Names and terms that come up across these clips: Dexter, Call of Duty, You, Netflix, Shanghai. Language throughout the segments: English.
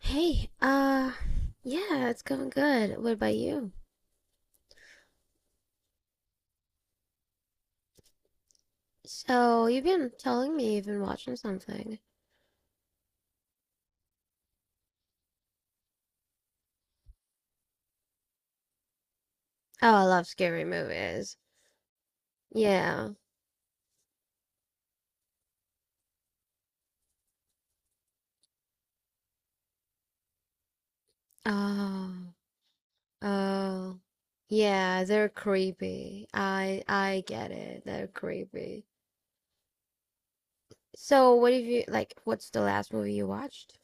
Hey, yeah, it's going good. What about you? So, you've been telling me you've been watching something. Oh, I love scary movies. Yeah. Oh, oh. Yeah, they're creepy. I get it. They're creepy. So, what's the last movie you watched?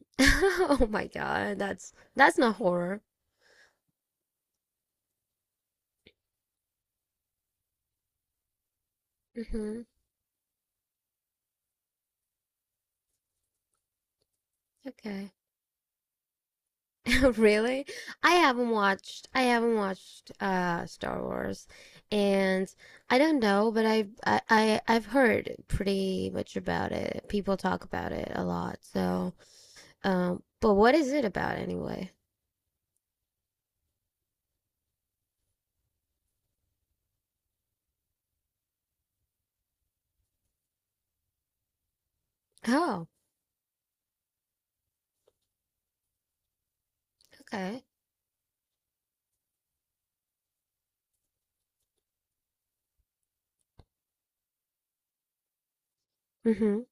Oh my God, that's not horror. Mm-hmm. Okay. Really? I haven't watched Star Wars, and I don't know, but I've I I've heard pretty much about it. People talk about it a lot. So, um, but what is it about anyway? Oh, okay. Mhm.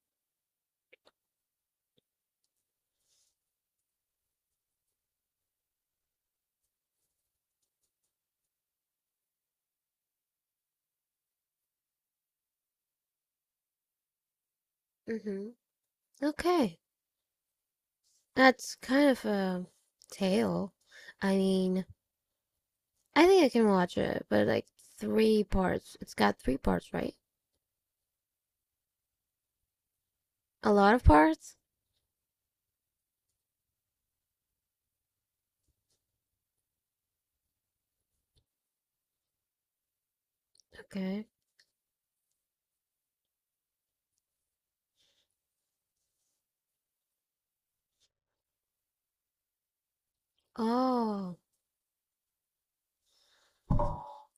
Mhm. Okay. That's kind of a tale. I mean, I think I can watch it, but like three parts. It's got three parts, right? A lot of parts? Okay. Oh.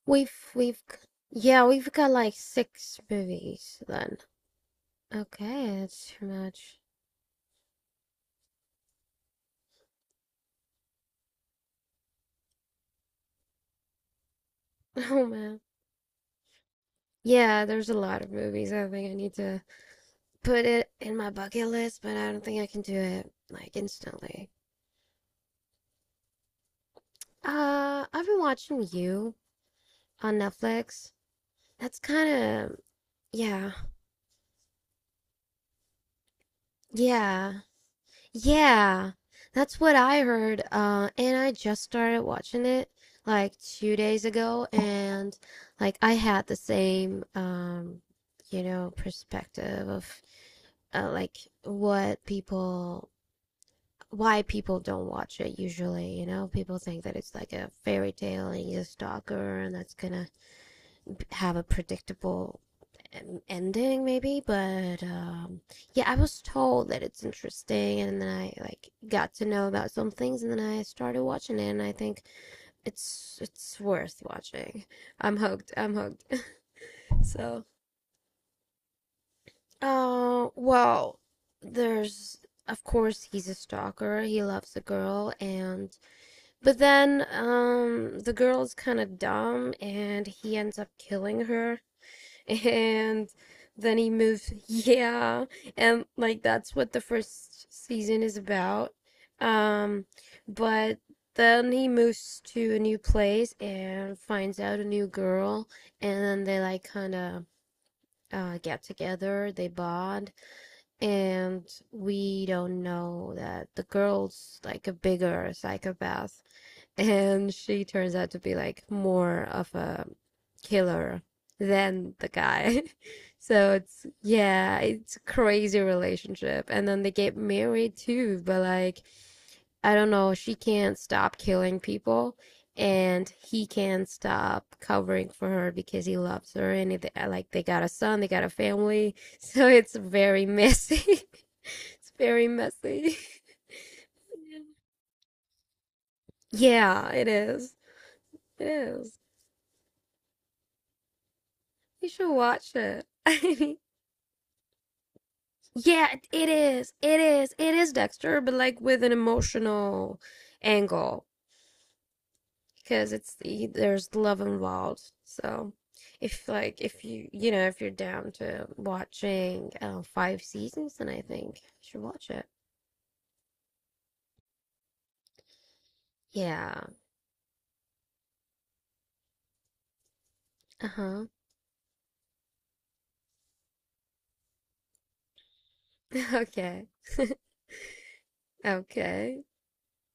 We've yeah, we've got like six movies then. Okay, that's too much. Oh man. Yeah, there's a lot of movies. I think I need to put it in my bucket list, but I don't think I can do it like instantly. I've been watching You on Netflix. That's kind of yeah. Yeah. Yeah, that's what I heard. And I just started watching it like 2 days ago, and like I had the same, perspective of like what people, why people don't watch it usually. You know, people think that it's like a fairy tale and he's a stalker and that's gonna have a predictable ending maybe, but um, yeah, I was told that it's interesting, and then I like got to know about some things, and then I started watching it, and I think it's worth watching. I'm hooked, I'm hooked. So, uh well there's of course he's a stalker, he loves the girl, and but then um, the girl's kind of dumb and he ends up killing her, and then he moves. Yeah. And like that's what the first season is about. Um, but then he moves to a new place and finds out a new girl, and then they like kind of get together, they bond, and we don't know that the girl's like a bigger psychopath, and she turns out to be like more of a killer than the guy. So it's, yeah, it's a crazy relationship. And then they get married too, but like I don't know, she can't stop killing people, and he can't stop covering for her because he loves her, and it, like they got a son, they got a family. So it's very messy. It's very messy. Yeah, it is. It is. You should watch it. Yeah, it is. It is. It is Dexter, but like with an emotional angle, because it's there's love involved. So, if like if you, you know, if you're down to watching five seasons, then I think you should watch it. Yeah. Uh-huh. Okay. Okay.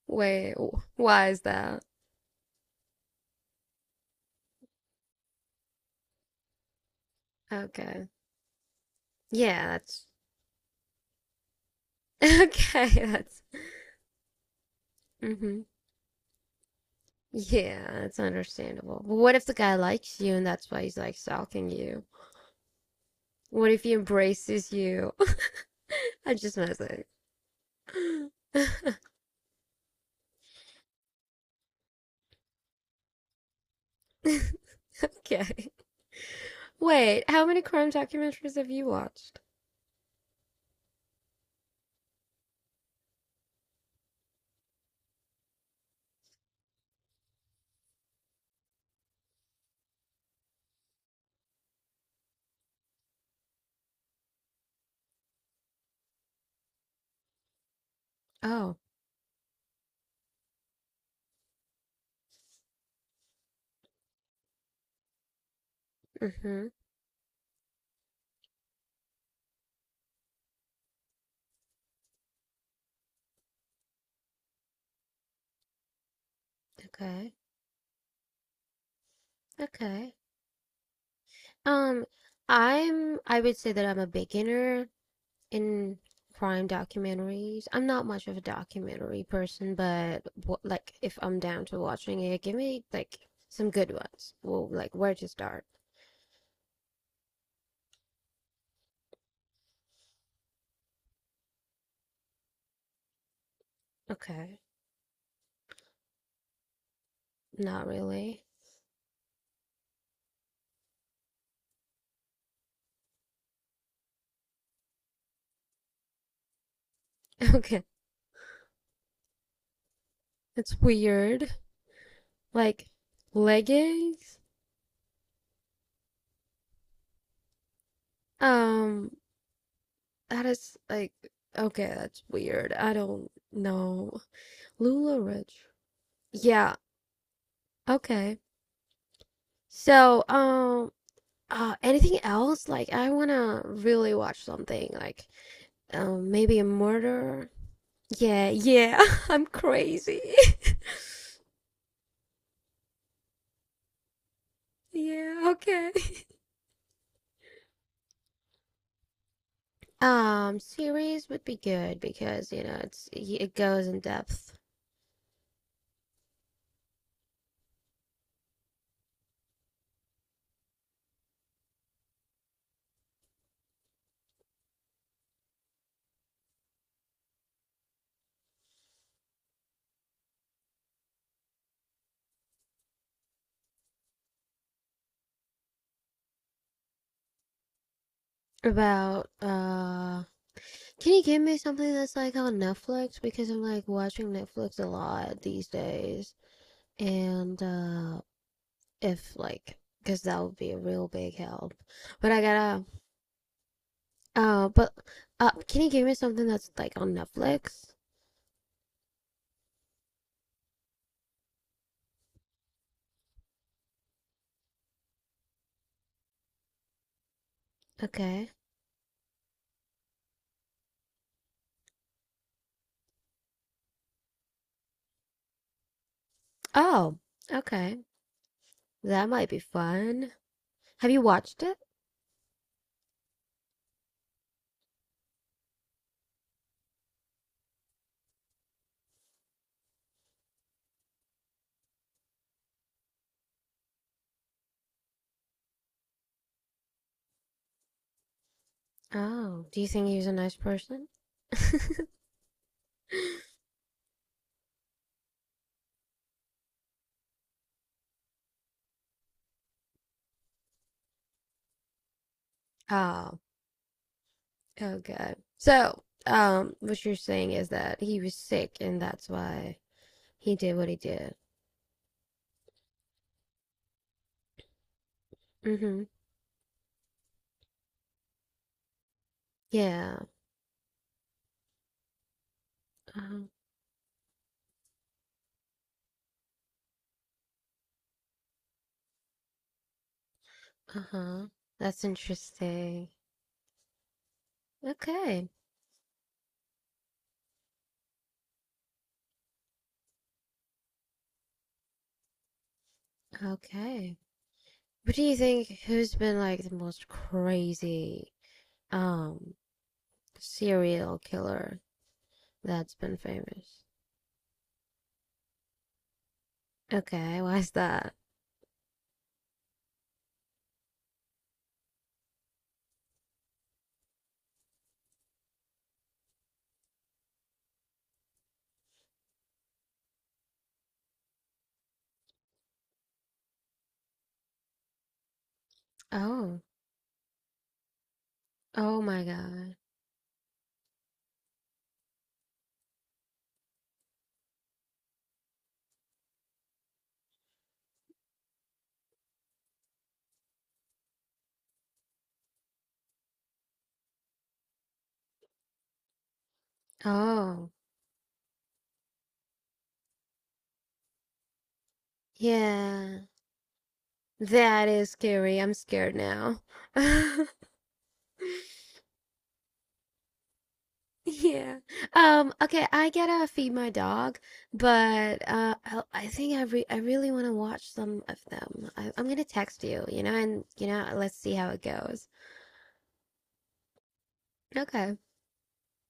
Wait. Why is that? Okay. Yeah, that's okay. That's. Mm-hmm. Yeah, it's understandable. But what if the guy likes you and that's why he's like stalking you? What if he embraces you? I'm just messing. Okay. Wait, how many crime documentaries have you watched? Oh, mm-hmm. Okay. Okay. Um, I'm, I would say that I'm a beginner in crime documentaries. I'm not much of a documentary person, but like if I'm down to watching it, give me like some good ones. Well, like where to start? Okay, not really. Okay, it's weird. Like leggings? Um, that is like okay, that's weird. I don't know. Lula Ridge. Yeah, okay. So, anything else? Like I wanna really watch something like um, maybe a murder. Yeah, yeah, I'm crazy. Yeah, okay. Series would be good because you know it's it goes in depth about can you give me something that's like on Netflix, because I'm like watching Netflix a lot these days, and uh, if like, because that would be a real big help, but I gotta but uh, can you give me something that's like on Netflix? Okay. Oh, okay. That might be fun. Have you watched it? Oh, do you think he's a nice person? Oh. Oh God. So, what you're saying is that he was sick and that's why he did what he did. Mm-hmm. Yeah. Uh, uh-huh. That's interesting. Okay. Okay. What do you think, who's been like the most crazy um, serial killer that's been famous? Okay, why's that? Oh. Oh my God. Oh. Yeah. That is scary. I'm scared now. Yeah. Okay, I gotta feed my dog, but I think I really want to watch some of them. I'm gonna text you, you know, and you know, let's see how it goes. Okay.